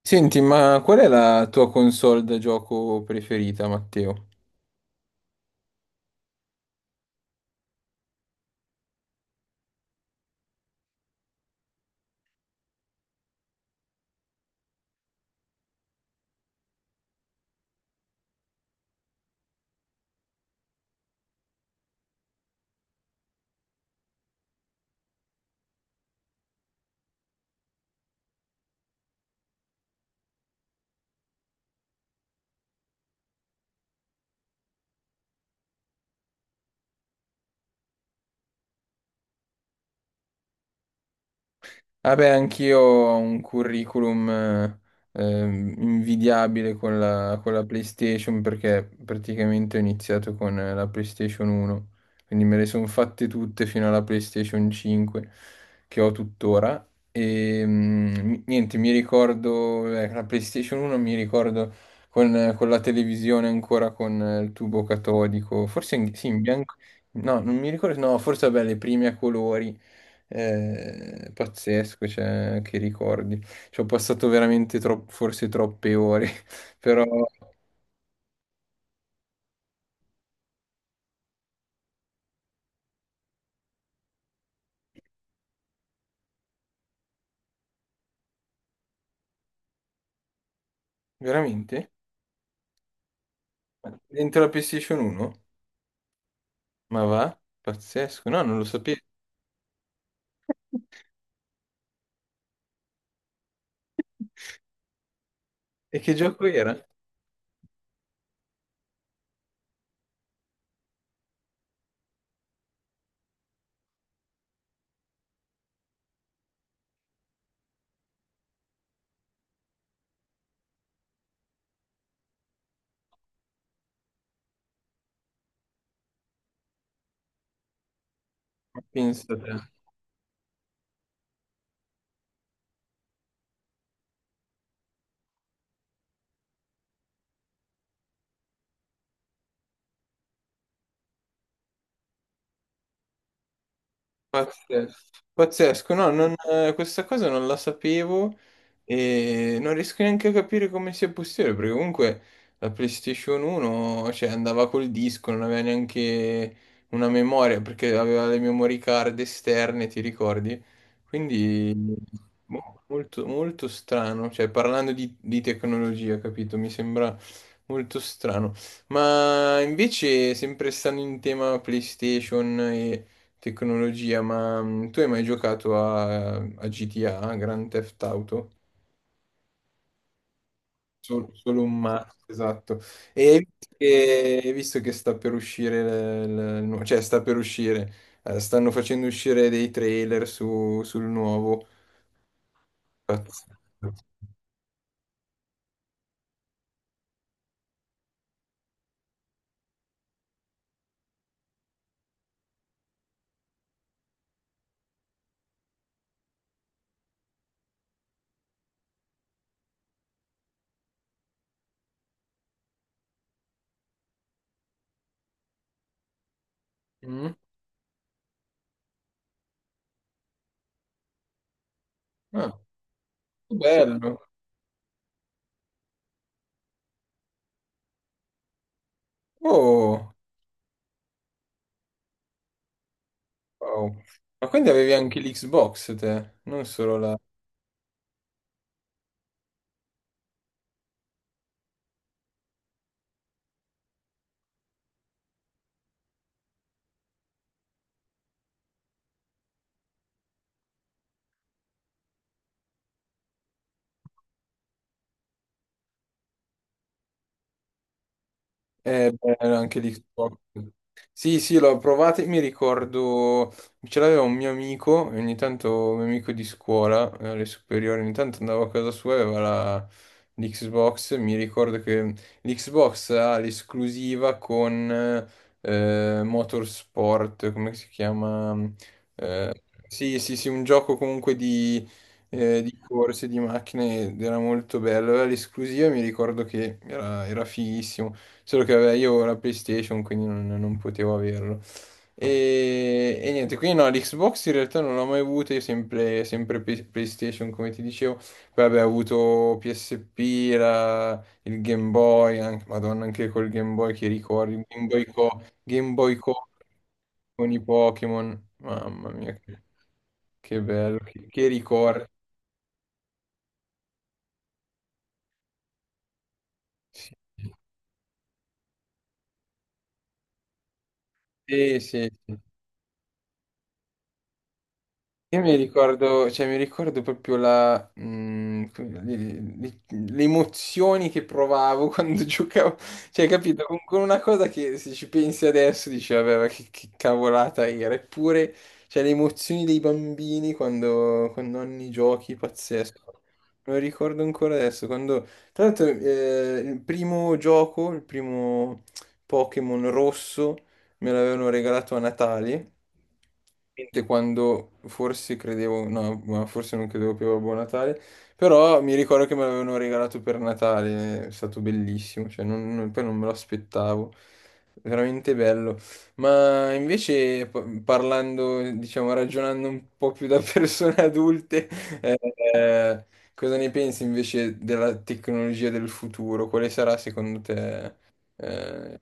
Senti, ma qual è la tua console da gioco preferita, Matteo? Vabbè, anch'io ho un curriculum invidiabile con la PlayStation perché praticamente ho iniziato con la PlayStation 1, quindi me le sono fatte tutte fino alla PlayStation 5 che ho tuttora. E niente, mi ricordo, la PlayStation 1 mi ricordo con la televisione ancora con il tubo catodico, sì, in bianco, no, non mi ricordo, no, forse vabbè, le prime a colori. È pazzesco, cioè, che ricordi. Ci ho passato veramente forse troppe ore, però veramente? Dentro la PlayStation 1? Ma va? Pazzesco, no, non lo sapevo. E che gioco era? Ma pensa te. Pazzesco, pazzesco, questa cosa non la sapevo e non riesco neanche a capire come sia possibile, perché comunque la PlayStation 1, cioè, andava col disco, non aveva neanche una memoria, perché aveva le memory card esterne, ti ricordi? Quindi boh, molto strano, cioè, parlando di tecnologia, capito? Mi sembra molto strano. Ma invece, sempre stando in tema PlayStation e tecnologia, ma tu hai mai giocato a GTA, Grand Theft Auto? Solo, un ma, esatto. E hai visto che sta per uscire, il- cioè sta per uscire, stanno facendo uscire dei trailer sul nuovo. Pazzesco. Mm? Ah, che bello. Oh, wow. Ma quindi avevi anche l'Xbox te, non solo la... È bello anche di sì, sì, l'ho provato e mi ricordo, ce l'aveva un mio amico, e ogni tanto un mio amico di scuola, alle superiori, ogni tanto andavo a casa sua e aveva l'Xbox, mi ricordo che l'Xbox ha l'esclusiva con Motorsport, come si chiama? Sì, sì, sì, un gioco comunque di corse, di macchine, ed era molto bello. Aveva l'esclusiva, mi ricordo che era fighissimo, solo che vabbè, io ho la PlayStation, quindi non potevo averlo. E niente, quindi no, l'Xbox in realtà non l'ho mai avuta, io sempre, sempre PlayStation, come ti dicevo. Poi vabbè, ho avuto PSP, il Game Boy, anche- Madonna, anche col Game Boy che ricordi, il Game Boy Co con i Pokémon, mamma mia, che bello, che ricordi. Sì, sì, sì. Io mi ricordo, cioè, mi ricordo proprio la, mm, come- le emozioni che provavo quando giocavo, cioè, capito? Con una cosa che se ci pensi adesso dici, vabbè, ma che cavolata era, eppure, cioè, le emozioni dei bambini quando, quando hanno i giochi, pazzesco. Me lo ricordo ancora adesso, quando, tra l'altro, il primo gioco, il primo Pokémon rosso. Me l'avevano regalato a Natale, che quando forse credevo, no, ma forse non credevo più a Buon Natale, però mi ricordo che me l'avevano regalato per Natale, è stato bellissimo, cioè poi non me lo aspettavo, veramente bello. Ma invece parlando, diciamo, ragionando un po' più da persone adulte, eh, cosa ne pensi invece della tecnologia del futuro? Quale sarà secondo te? eh,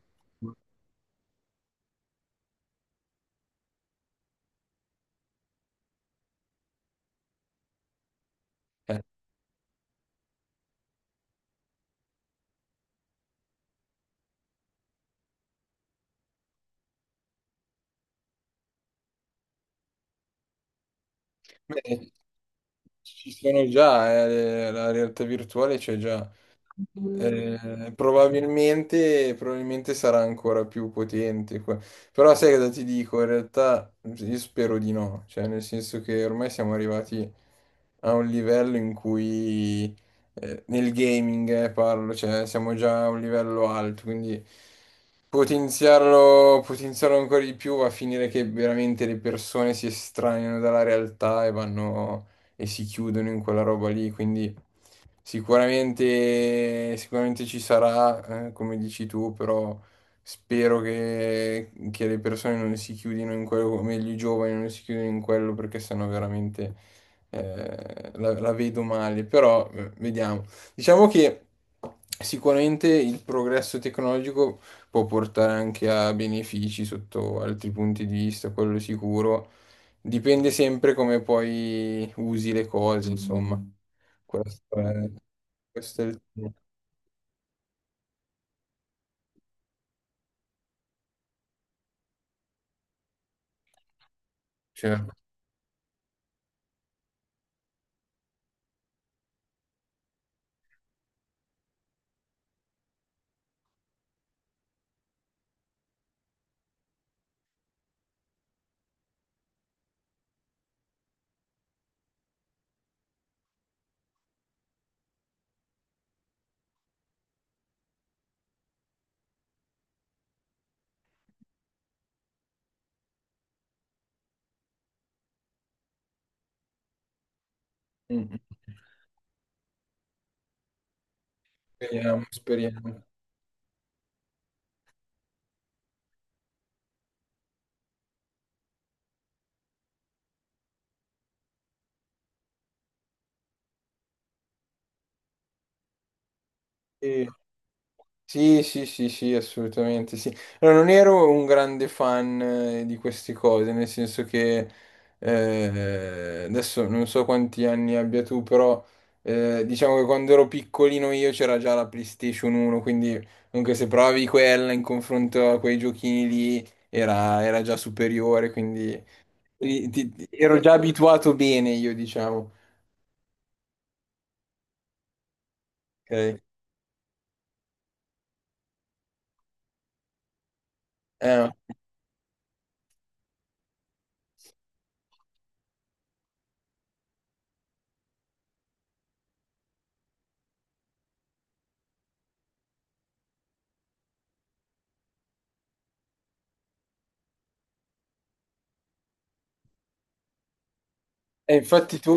eh, beh, ci sono già, la realtà virtuale c'è già. Probabilmente, probabilmente sarà ancora più potente. Però sai cosa ti dico? In realtà io spero di no, cioè nel senso che ormai siamo arrivati a un livello in cui nel gaming parlo, cioè siamo già a un livello alto, quindi potenziarlo, potenziarlo ancora di più va a finire che veramente le persone si estraniano dalla realtà e vanno e si chiudono in quella roba lì, quindi sicuramente, sicuramente ci sarà, come dici tu, però spero che le persone non si chiudino in quello, o meglio i giovani non si chiudino in quello perché sennò veramente la vedo male. Però vediamo. Diciamo che sicuramente il progresso tecnologico può portare anche a benefici sotto altri punti di vista, quello sicuro. Dipende sempre come poi usi le cose, insomma. Questo è, questo è il tema. Cioè, mm, speriamo, speriamo. E- Sì, sì, sì, sì, assolutamente sì. Allora, non ero un grande fan di queste cose, nel senso che adesso non so quanti anni abbia tu, però diciamo che quando ero piccolino io c'era già la PlayStation 1, quindi anche se provavi quella in confronto a quei giochini lì era già superiore, quindi ero già abituato bene io, diciamo. Ok. Eh, E infatti tu,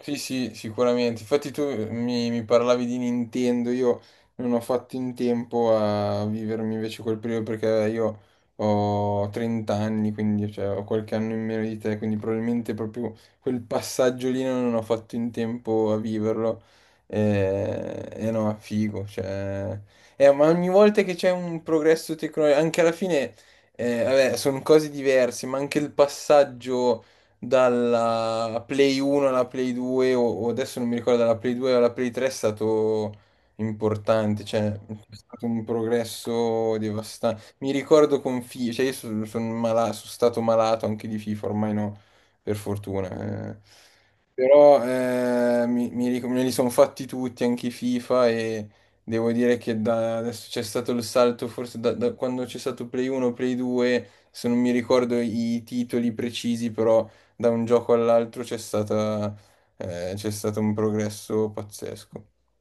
sì sì, sicuramente, infatti tu mi parlavi di Nintendo, io non ho fatto in tempo a vivermi invece quel periodo perché io ho 30 anni, quindi cioè, ho qualche anno in meno di te, quindi probabilmente proprio quel passaggio lì non ho fatto in tempo a viverlo. E no, figo, cioè... ma ogni volta che c'è un progresso tecnologico, anche alla fine, vabbè, sono cose diverse, ma anche il passaggio dalla Play 1 alla Play 2 o adesso non mi ricordo dalla Play 2 alla Play 3 è stato importante, cioè è stato un progresso devastante. Mi ricordo con FIFA, cioè io sono, sono sono stato malato anche di FIFA, ormai no, per fortuna. Eh. Però me li sono fatti tutti, anche i FIFA e... Devo dire che da adesso c'è stato il salto, forse da quando c'è stato Play 1, Play 2, se non mi ricordo i titoli precisi, però da un gioco all'altro c'è stato un progresso pazzesco.